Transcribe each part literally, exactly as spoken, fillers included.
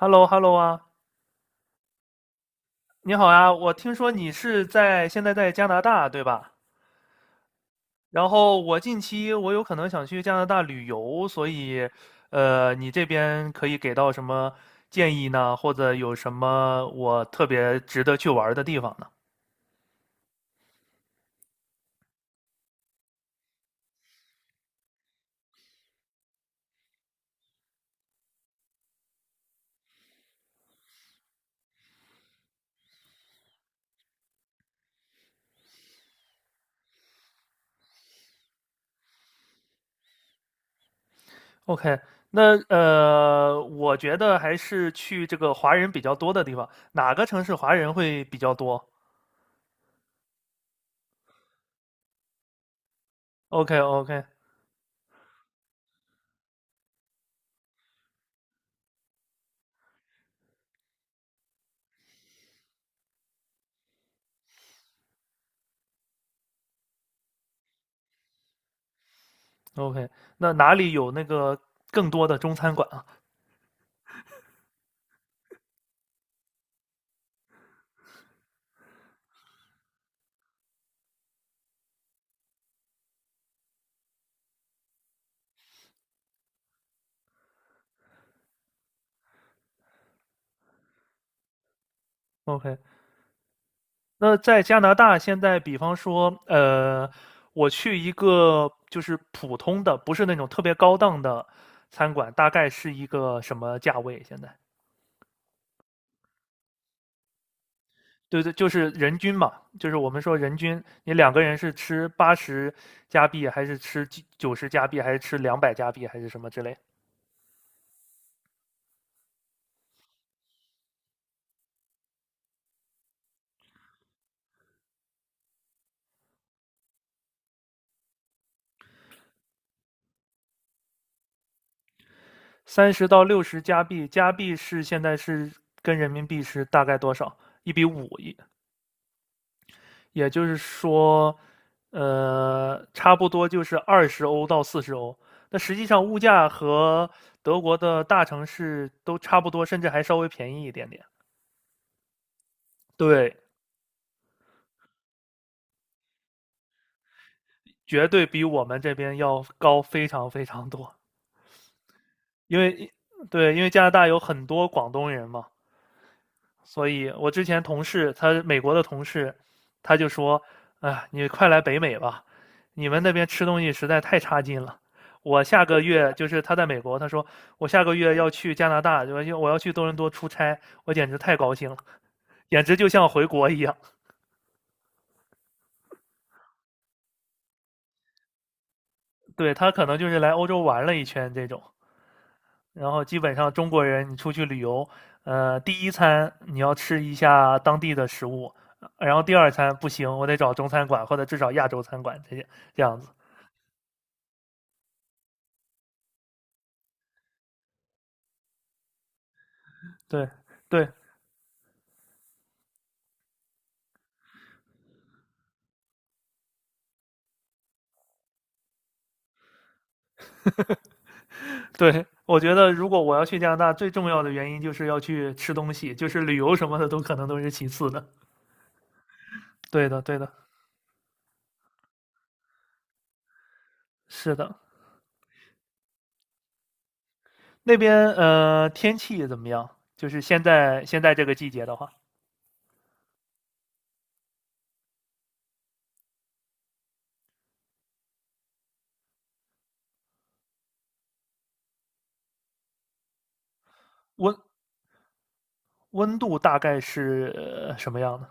h e l l o h e l l o 啊，你好呀，我听说你是在现在在加拿大，对吧？然后我近期我有可能想去加拿大旅游，所以，呃，你这边可以给到什么建议呢？或者有什么我特别值得去玩儿的地方呢？OK，那呃，我觉得还是去这个华人比较多的地方，哪个城市华人会比较多？OK，OK，OK，那哪里有那个更多的中餐馆啊？OK，那在加拿大现在，比方说，呃，我去一个就是普通的，不是那种特别高档的餐馆，大概是一个什么价位？现在？对对，就是人均嘛，就是我们说人均，你两个人是吃八十加币，还是吃九十加币，还是吃两百加币，还是什么之类？三十到六十加币，加币是现在是跟人民币是大概多少？一比五，也就是说，呃，差不多就是二十欧到四十欧。那实际上物价和德国的大城市都差不多，甚至还稍微便宜一点点。对，绝对比我们这边要高非常非常多。因为对，因为加拿大有很多广东人嘛，所以我之前同事，他美国的同事，他就说：“啊，你快来北美吧，你们那边吃东西实在太差劲了。”我下个月就是他在美国，他说我下个月要去加拿大，就我要去多伦多出差，我简直太高兴了，简直就像回国一样。对他可能就是来欧洲玩了一圈这种。然后基本上中国人你出去旅游，呃，第一餐你要吃一下当地的食物，然后第二餐不行，我得找中餐馆或者至少亚洲餐馆这些这样子。对对对，我觉得如果我要去加拿大，最重要的原因就是要去吃东西，就是旅游什么的都可能都是其次的。对的对的，是的。那边呃天气怎么样？就是现在现在这个季节的话，温温度大概是、呃什么样的？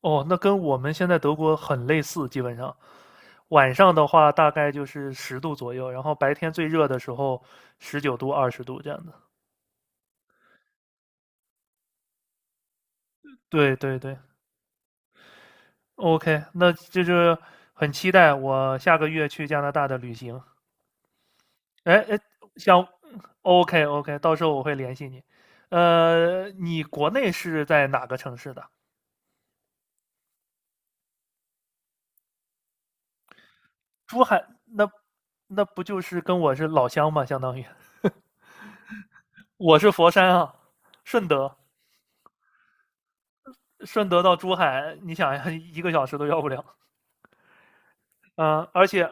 哦，那跟我们现在德国很类似，基本上。晚上的话大概就是十度左右，然后白天最热的时候十九度、二十度这样的。对对对，OK，那就是很期待我下个月去加拿大的旅行。哎哎，想 OK OK，到时候我会联系你。呃，你国内是在哪个城市的？珠海，那那不就是跟我是老乡吗？相当于我是佛山啊，顺德。顺德到珠海，你想呀，一个小时都要不了。嗯，而且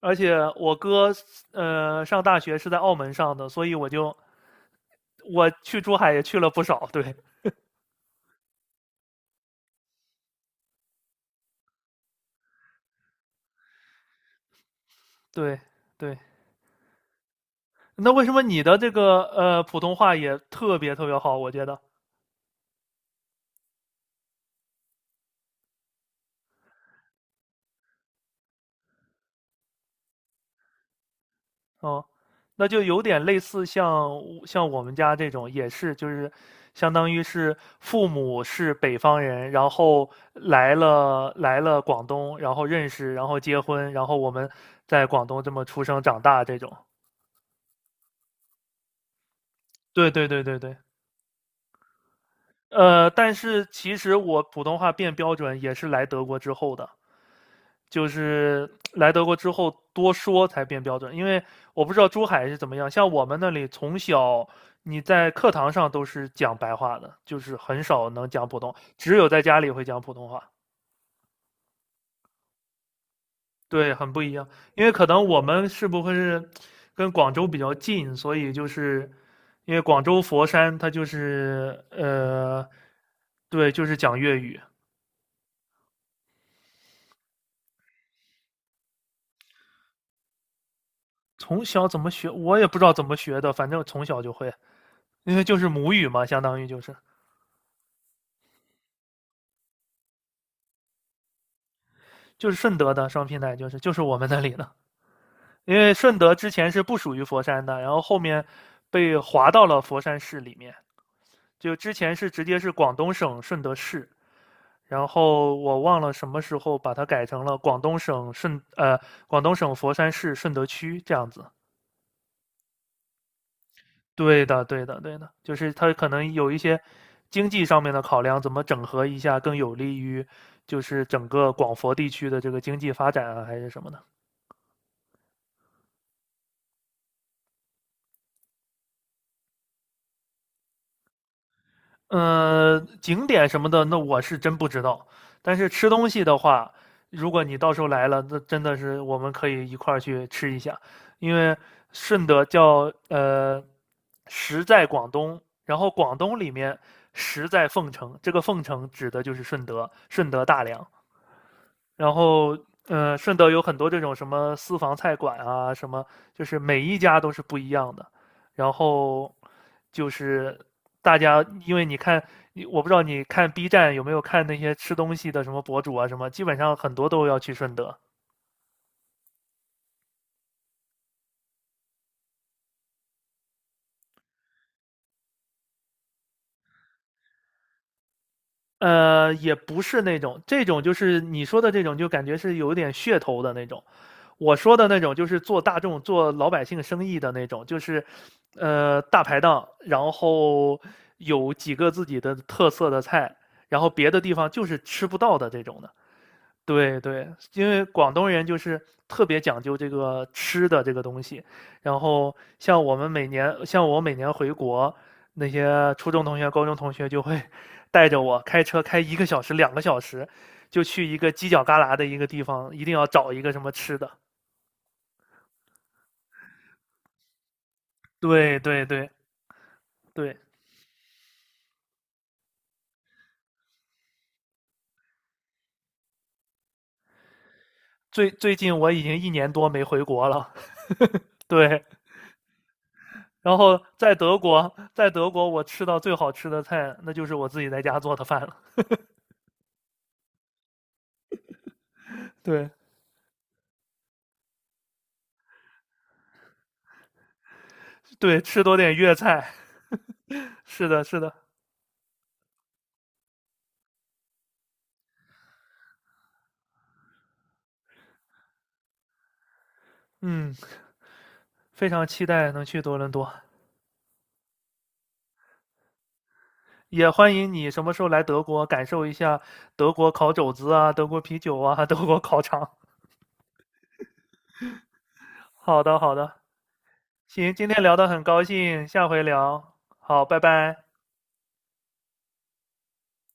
而且我哥呃上大学是在澳门上的，所以我就我去珠海也去了不少。对对对，那为什么你的这个呃普通话也特别特别好？我觉得哦，那就有点类似像像我们家这种，也是就是相当于是父母是北方人，然后来了来了广东，然后认识，然后结婚，然后我们在广东这么出生长大这种。对对对对对，呃，但是其实我普通话变标准也是来德国之后的。就是来德国之后多说才变标准，因为我不知道珠海是怎么样，像我们那里从小你在课堂上都是讲白话的，就是很少能讲普通，只有在家里会讲普通话，对，很不一样。因为可能我们是不会是跟广州比较近，所以就是因为广州佛山它就是呃，对，就是讲粤语，从小怎么学我也不知道怎么学的，反正从小就会，因为就是母语嘛，相当于就是。就是顺德的双平台，就是就是我们那里的，因为顺德之前是不属于佛山的，然后后面被划到了佛山市里面，就之前是直接是广东省顺德市，然后我忘了什么时候把它改成了广东省顺呃广东省佛山市顺德区这样子。对的，对的，对的，就是它可能有一些经济上面的考量，怎么整合一下更有利于就是整个广佛地区的这个经济发展啊，还是什么的。呃，景点什么的，那我是真不知道。但是吃东西的话，如果你到时候来了，那真的是我们可以一块儿去吃一下，因为顺德叫呃食在广东，然后广东里面食在凤城，这个凤城指的就是顺德，顺德大良。然后，呃，顺德有很多这种什么私房菜馆啊，什么就是每一家都是不一样的。然后就是大家，因为你看，你我不知道你看 B 站有没有看那些吃东西的什么博主啊，什么基本上很多都要去顺德。呃，也不是那种，这种就是你说的这种，就感觉是有点噱头的那种。我说的那种就是做大众、做老百姓生意的那种，就是，呃，大排档，然后有几个自己的特色的菜，然后别的地方就是吃不到的这种的。对对，因为广东人就是特别讲究这个吃的这个东西，然后像我们每年，像我每年回国，那些初中同学、高中同学就会 带着我开车开一个小时、两个小时，就去一个犄角旮旯的一个地方，一定要找一个什么吃的。对对对对，最最近我已经一年多没回国了。对，然后在德国，在德国我吃到最好吃的菜，那就是我自己在家做的饭了。对对，吃多点粤菜。是的，是的，嗯，非常期待能去多伦多，也欢迎你什么时候来德国，感受一下德国烤肘子啊，德国啤酒啊，德国烤肠。好的，好的，行，今天聊得很高兴，下回聊，好，拜拜。